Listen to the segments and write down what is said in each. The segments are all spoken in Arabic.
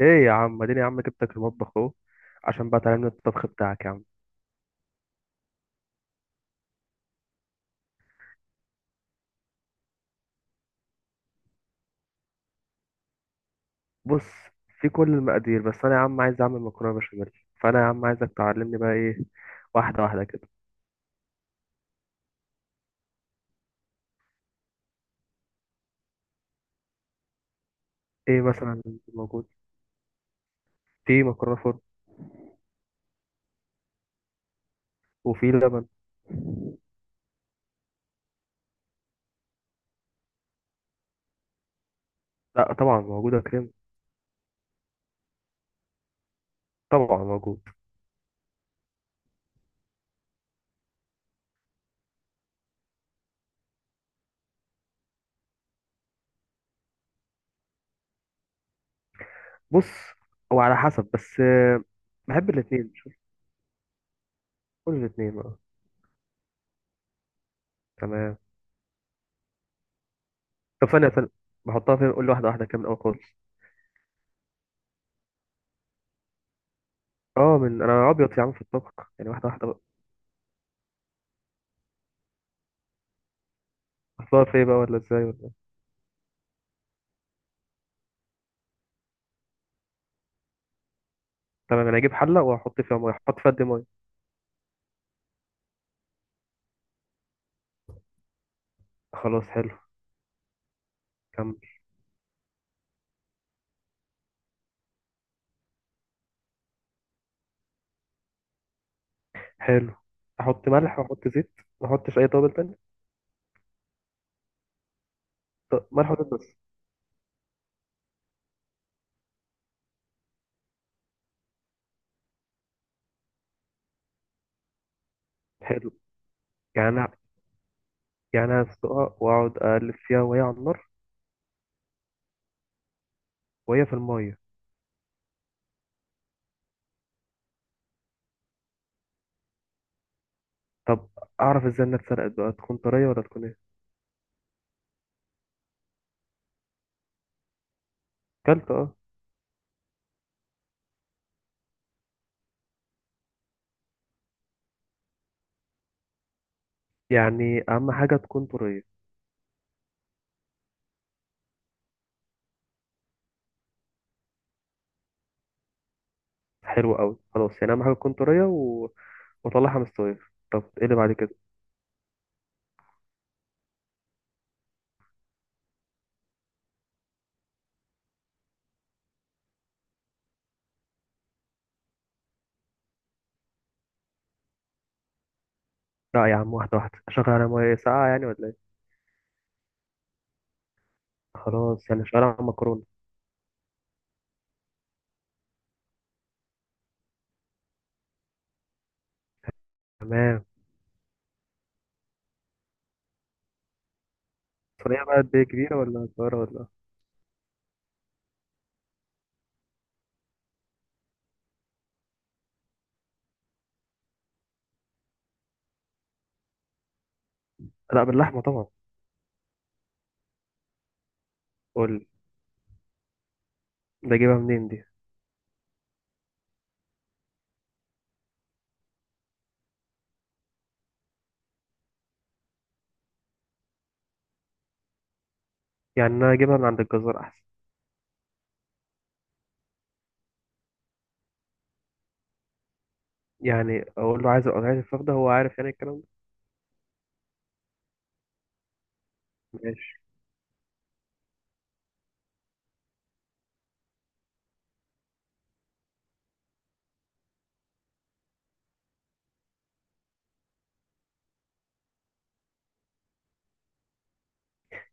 ايه يا عم، اديني يا عم، جبتك المطبخ اهو عشان بقى تعلمني الطبخ بتاعك يا عم. بص، في كل المقادير، بس انا يا عم عايز اعمل مكرونه بشاميل. فانا يا عم عايزك تعلمني بقى ايه، واحده واحده كده. ايه مثلا؟ موجود. في مكرونه فرن. وفي لبن. لا طبعا، موجوده كريم. طبعا موجود. بص، هو على حسب بس بحب الاثنين، شوف. كل الاثنين، اه. تمام. طب، ثانيه ثانيه، بحطها فين؟ قول لي واحده واحده كده من الاول خالص. اه، من انا ابيض يا عم في الطبخ. يعني واحده واحده بقى. احطها في ايه بقى ولا ازاي؟ تمام، انا اجيب حله واحط فيها ميه. احط فيها قد إيه ميه؟ خلاص حلو. كمل. حلو، احط ملح واحط زيت. ما احطش اي توابل تانية؟ طب ملح وزيت بس. حلو. يعني أنا- يعني أنا هسلقها واقعد اقلب فيها وهي على النار، وهي في الميه. طب، اعرف ازاي انها اتسلقت بقى؟ تكون طريه ولا تكون ايه؟ كلت، اه. يعني اهم حاجه تكون طريه. حلو قوي. خلاص، يعني اهم حاجه تكون طريه، و... واطلعها مستويه. طب ايه اللي بعد كده؟ لا يا عم، واحده واحده. اشغل على ميه ساقعه يعني ولا ايه؟ خلاص، يعني شغال على مكرونه. تمام. صينية بقى قد إيه؟ كبيرة ولا صغيرة ولا؟ لا باللحمة طبعا. قول لي، ده أجيبها منين دي؟ يعني أنا أجيبها من عند الجزار أحسن؟ يعني أقول له عايز الفراخ، ده هو عارف يعني الكلام ده؟ ماشي.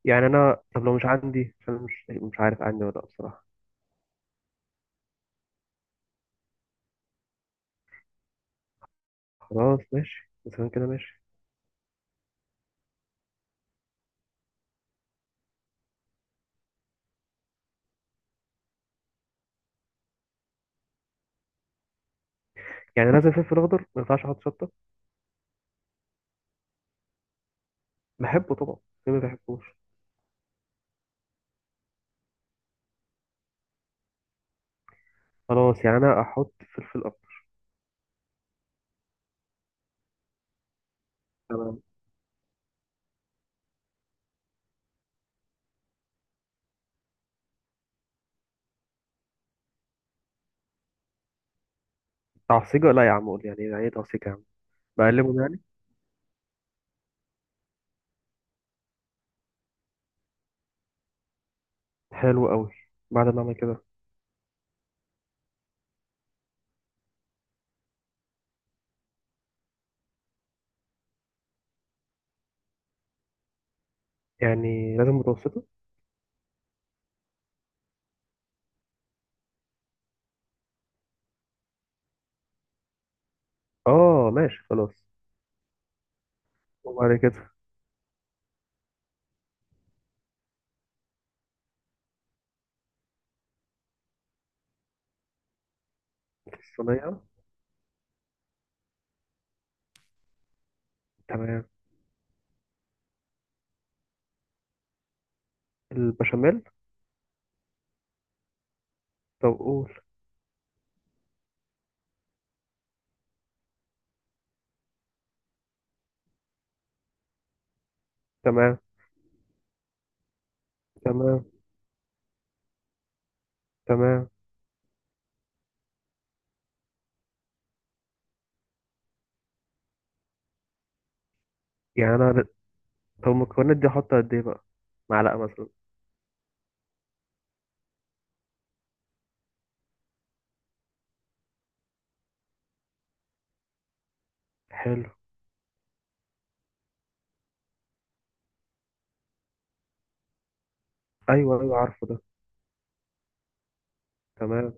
يعني أنا، طب لو مش عندي؟ عشان أنا مش عارف عندي ولا لأ بصراحة. خلاص ماشي، مثلا كده ماشي. يعني لازم فلفل أخضر؟ ما ينفعش أحط شطة؟ بحبه طبعا، ليه ما بحبوش؟ خلاص، يعني أنا أحط فلفل أخضر. تمام. تعصيجة؟ لا يا عم، قول يعني، يعني إيه تعصيجة يا عم؟ بقلبه يعني؟ حلو قوي. بعد ما أعمل كده؟ يعني لازم متوسطة؟ اه ماشي خلاص. وبعد كده؟ الصينية؟ تمام. البشاميل؟ طب قول. تمام. تمام. تمام. يعني أنا، طب المكونات دي أحط قد إيه بقى؟ معلقة مثلا؟ حلو. أيوه أيوه، عارفه ده. تمام.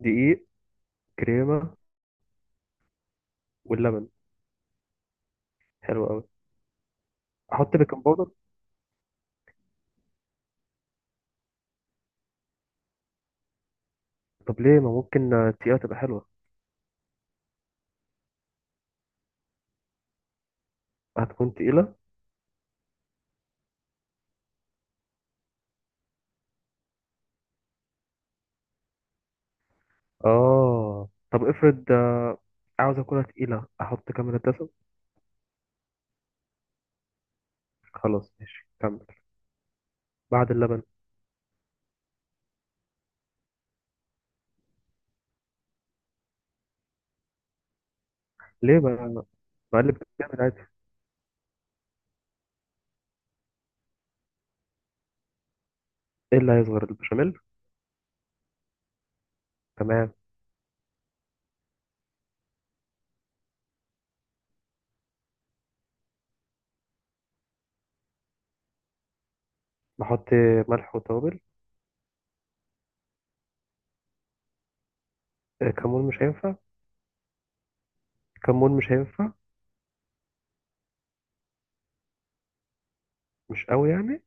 دقيق، كريمة، واللبن. حلو أوي. أحط بيكنج باودر؟ طب ليه ما ممكن تقيلة تبقى حلوة؟ هتكون تقيلة. آه، طب افرض عاوز أكلها تقيلة، أحط كام دسم؟ خلاص ماشي، كمل. بعد اللبن؟ ليه بقى؟ بقلب جامد عادي. إيه اللي هيصغر البشاميل؟ تمام. بحط ملح وتوابل. آه، كمون مش هينفع؟ كمون مش هينفع؟ مش قوي يعني؟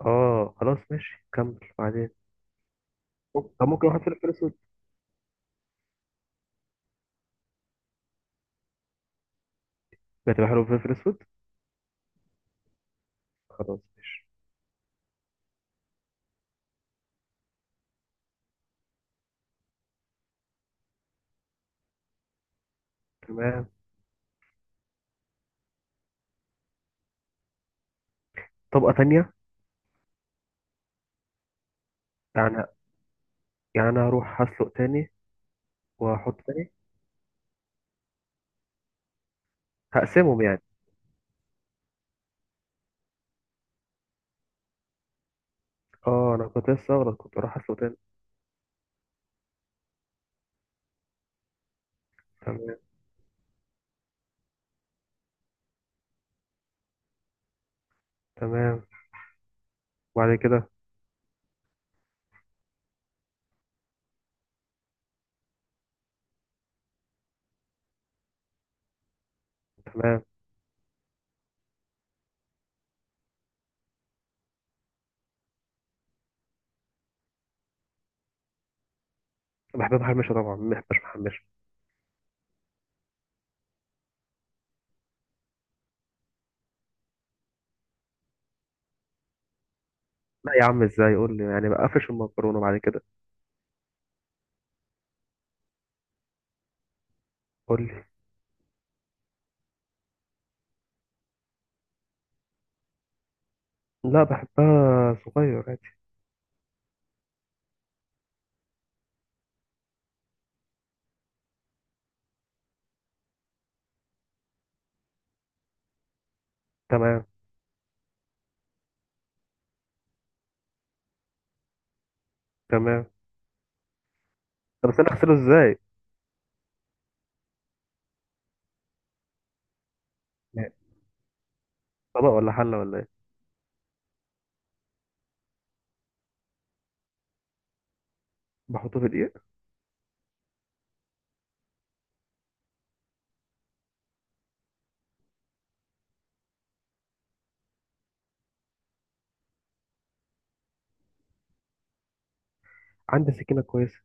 اه خلاص ماشي كمل بعدين. طب ممكن احط فلفل اسود؟ هتبقى حلو فلفل اسود؟ خلاص ماشي. تمام. طبقة تانية؟ يعني يعني انا هروح هسلق تاني واحط تاني؟ هقسمهم يعني؟ اه، انا كنت لسه اغلط، كنت اروح هسلق تاني. تمام تمام. وبعد كده؟ تمام. بحب محمشة طبعا، محبش محمشة. لا يا عم، ازاي؟ قول لي يعني، بقفش المكرونة بعد كده؟ قول لي. لا بحبها صغير عادي. تمام. تمام. طب بس انا اغسله ازاي؟ يعني طبق ولا حله ولا ايه؟ بحطه في دقيق؟ عندي سكينه كويسه.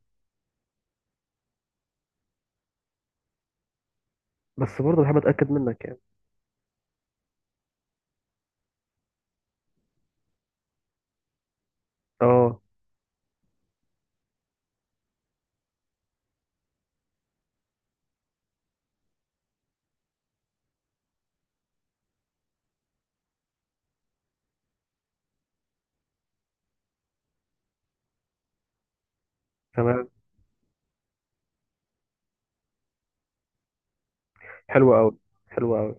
بس برضه بحب اتاكد منك يعني. اه. تمام. حلوه قوي، حلوه قوي.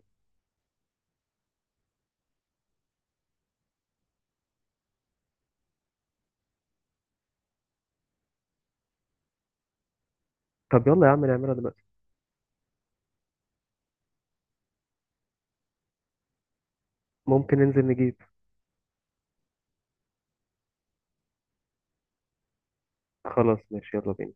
طب يلا يا عم نعملها دلوقتي. ممكن ننزل نجيب. خلاص ماشي، يلا بينا.